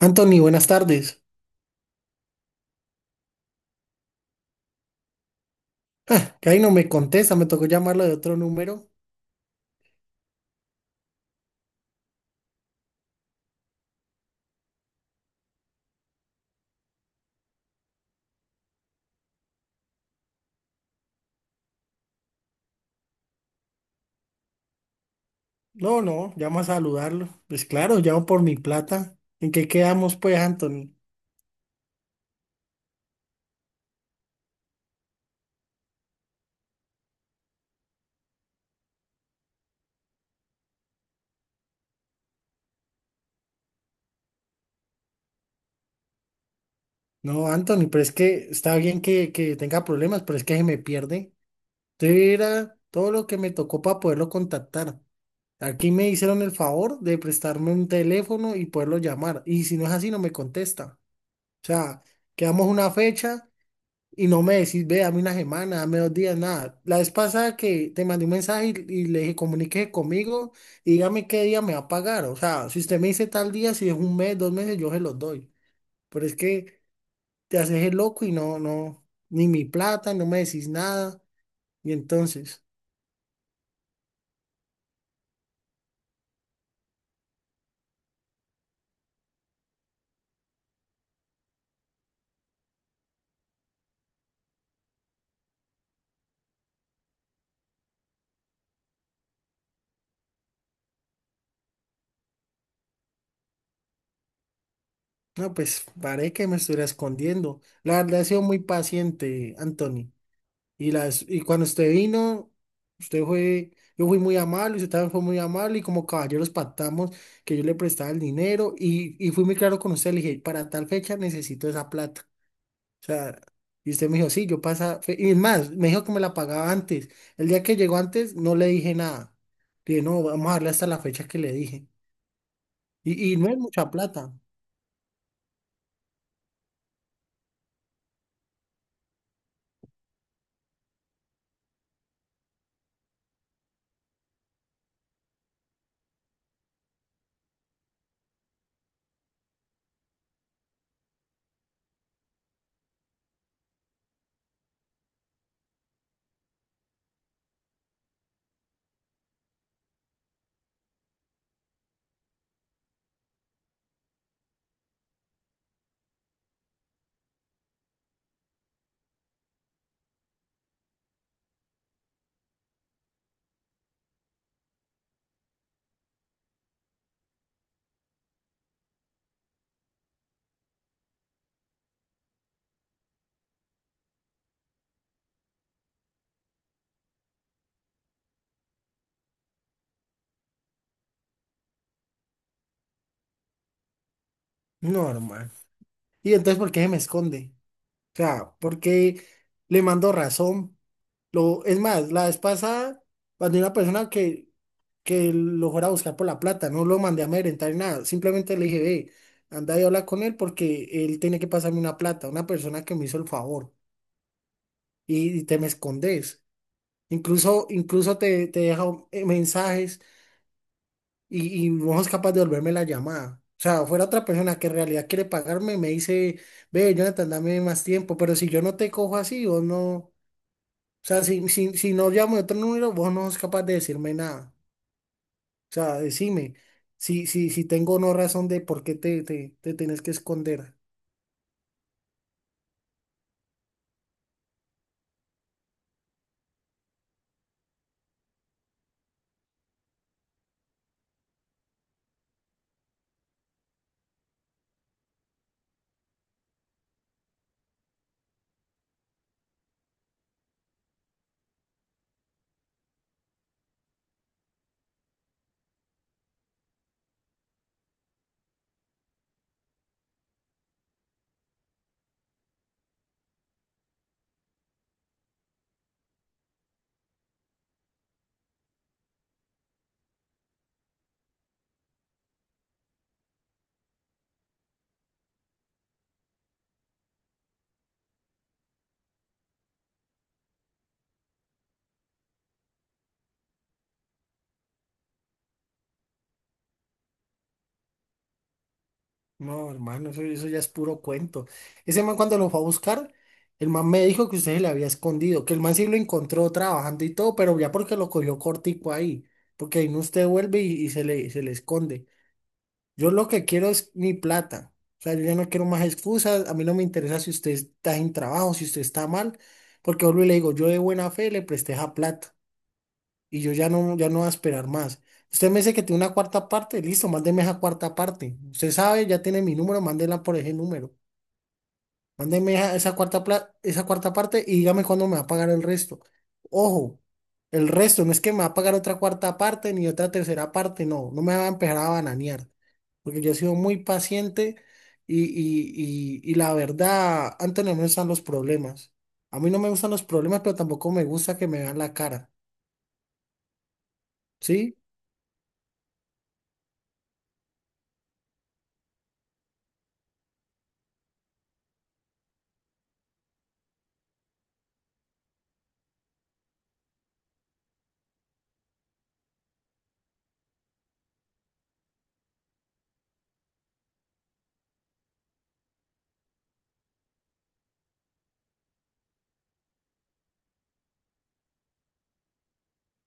Anthony, buenas tardes. Ah, que ahí no me contesta, me tocó llamarlo de otro número. No, no, llamo a saludarlo. Pues claro, llamo por mi plata. ¿En qué quedamos, pues, Anthony? No, Anthony, pero es que está bien que tenga problemas, pero es que se me pierde. Entonces era todo lo que me tocó para poderlo contactar. Aquí me hicieron el favor de prestarme un teléfono y poderlo llamar. Y si no es así, no me contesta. O sea, quedamos una fecha y no me decís, ve, dame una semana, dame dos días, nada. La vez pasada que te mandé un mensaje y le dije, comuníquese conmigo y dígame qué día me va a pagar. O sea, si usted me dice tal día, si es un mes, dos meses, yo se los doy. Pero es que te haces el loco y no, no, ni mi plata, no me decís nada. Y entonces, no, pues parece que me estuviera escondiendo. La verdad, he sido muy paciente, Anthony. Y, las, y cuando usted vino, usted fue, yo fui muy amable, usted también fue muy amable y como caballeros pactamos que yo le prestaba el dinero y fui muy claro con usted, le dije, para tal fecha necesito esa plata. O sea, y usted me dijo, sí, yo pasa, fe-". Y es más, me dijo que me la pagaba antes. El día que llegó antes no le dije nada. Le dije, no, vamos a darle hasta la fecha que le dije. Y no es mucha plata. No, hermano. Y entonces, ¿por qué se me esconde? O sea, ¿por qué le mando razón? Lo, es más, la vez pasada mandé una persona que lo fuera a buscar por la plata, no lo mandé a amedrentar ni nada, simplemente le dije, ve, anda y habla con él porque él tiene que pasarme una plata, una persona que me hizo el favor y te me escondes. Incluso, incluso te, te deja mensajes y no es capaz de devolverme la llamada. O sea, fuera otra persona que en realidad quiere pagarme, me dice, ve, Jonathan, dame más tiempo, pero si yo no te cojo así, vos no, o sea, si no llamo de otro número, vos no sos capaz de decirme nada. O sea, decime, si tengo o no razón de por qué te, te, te tenés que esconder. No, hermano, eso ya es puro cuento. Ese man cuando lo fue a buscar, el man me dijo que usted se le había escondido, que el man sí lo encontró trabajando y todo, pero ya porque lo cogió cortico ahí, porque ahí no usted vuelve y se le esconde. Yo lo que quiero es mi plata. O sea, yo ya no quiero más excusas, a mí no me interesa si usted está en trabajo, si usted está mal, porque vuelvo y le digo, yo de buena fe le presté esa plata. Y yo ya no, ya no voy a esperar más. Usted me dice que tiene una cuarta parte, listo, mándeme esa cuarta parte. Usted sabe, ya tiene mi número, mándela por ese número. Mándeme esa, esa cuarta pla- esa cuarta parte y dígame cuándo me va a pagar el resto. Ojo, el resto no es que me va a pagar otra cuarta parte ni otra tercera parte, no, no me va a empezar a bananear, porque yo he sido muy paciente y la verdad, antes no me gustan los problemas. A mí no me gustan los problemas, pero tampoco me gusta que me vean la cara. ¿Sí?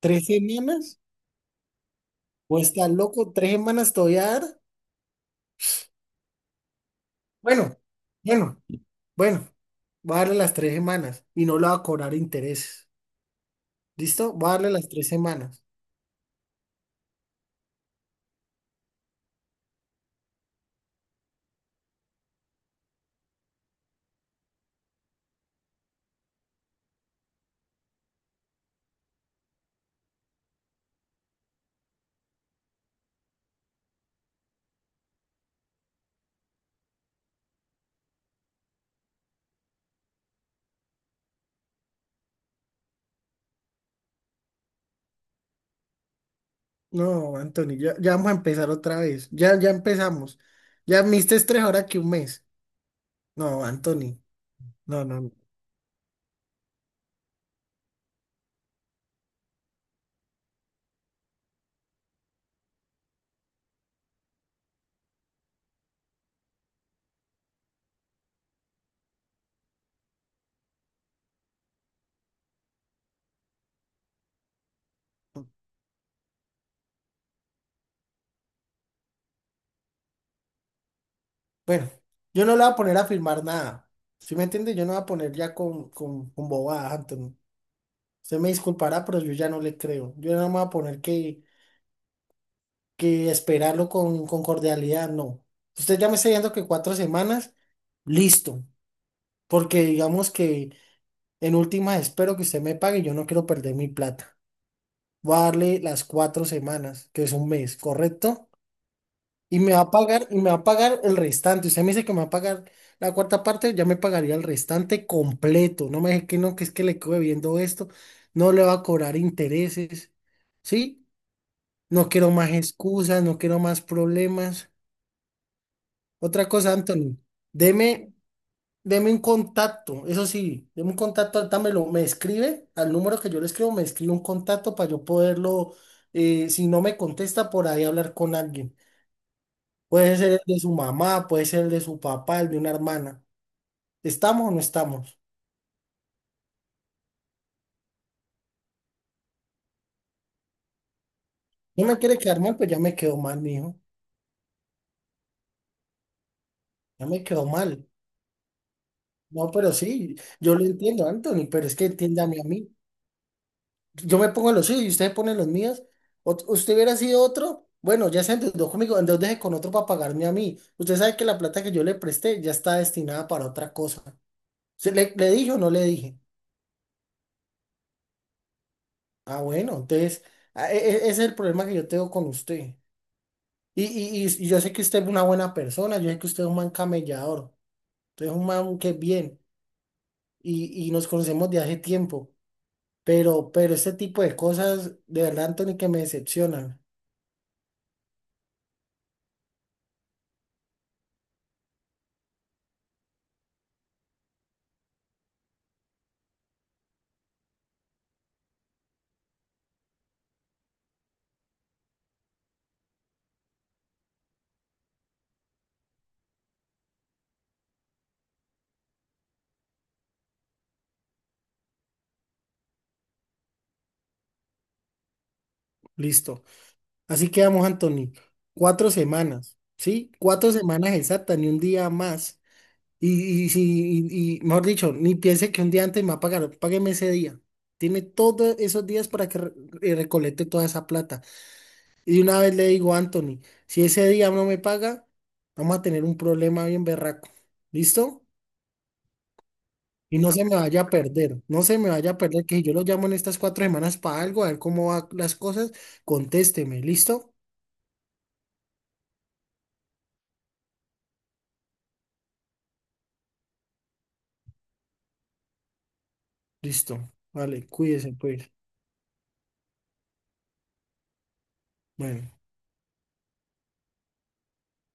¿Tres semanas? Vos estás loco, tres semanas te voy a dar. Bueno, bueno, bueno, voy a darle las tres semanas y no le voy a cobrar intereses. ¿Listo? Voy a darle las tres semanas. No, Anthony, ya, ya vamos a empezar otra vez. Ya, ya empezamos. Ya me diste tres ahora que un mes. No, Anthony, no, no, no. Bueno, yo no le voy a poner a firmar nada. ¿Sí me entiende? Yo no voy a poner ya con bobadas, Anthony. Usted me disculpará, pero yo ya no le creo. Yo no me voy a poner que esperarlo con cordialidad, no. Usted ya me está diciendo que cuatro semanas, listo. Porque digamos que en últimas espero que usted me pague, yo no quiero perder mi plata. Voy a darle las cuatro semanas, que es un mes, ¿correcto? Y me va a pagar, y me va a pagar el restante. Usted me dice que me va a pagar la cuarta parte, ya me pagaría el restante completo. No me deje que no, que es que le quedo viendo esto, no le va a cobrar intereses, ¿sí? No quiero más excusas, no quiero más problemas. Otra cosa, Anthony, deme, deme un contacto, eso sí, deme un contacto, dámelo, me escribe al número que yo le escribo, me escribe un contacto para yo poderlo, si no me contesta, por ahí hablar con alguien. Puede ser el de su mamá, puede ser el de su papá, el de una hermana. ¿Estamos o no estamos? No me quiere quedar mal, pues ya me quedó mal, mijo, ya me quedó mal. No, pero sí, yo lo entiendo, Anthony, pero es que entiéndame a mí. Yo me pongo los suyos y ustedes ponen los míos. Ot- usted hubiera sido otro. Bueno, ya se endeudó conmigo, endeudese con otro para pagarme a mí. Usted sabe que la plata que yo le presté ya está destinada para otra cosa. ¿Se le, le dije o no le dije? Ah, bueno, entonces a- e- e- ese es el problema que yo tengo con usted. Y yo sé que usted es una buena persona, yo sé que usted es un man camellador, usted es un man que es bien y nos conocemos de hace tiempo, pero este tipo de cosas, de verdad, Anthony, que me decepcionan. Listo. Así quedamos, Anthony. Cuatro semanas, ¿sí? Cuatro semanas exactas, ni un día más. Y, si- y, mejor dicho, ni piense que un día antes me va a pagar, págueme ese día. Tiene todos esos días para que re- recolecte toda esa plata. Y de una vez le digo a Anthony, si ese día no me paga, vamos a tener un problema bien berraco. ¿Listo? Y no se me vaya a perder, no se me vaya a perder que si yo lo llamo en estas cuatro semanas para algo, a ver cómo van las cosas, contésteme, ¿listo? Listo. Vale, cuídese, pues. Bueno.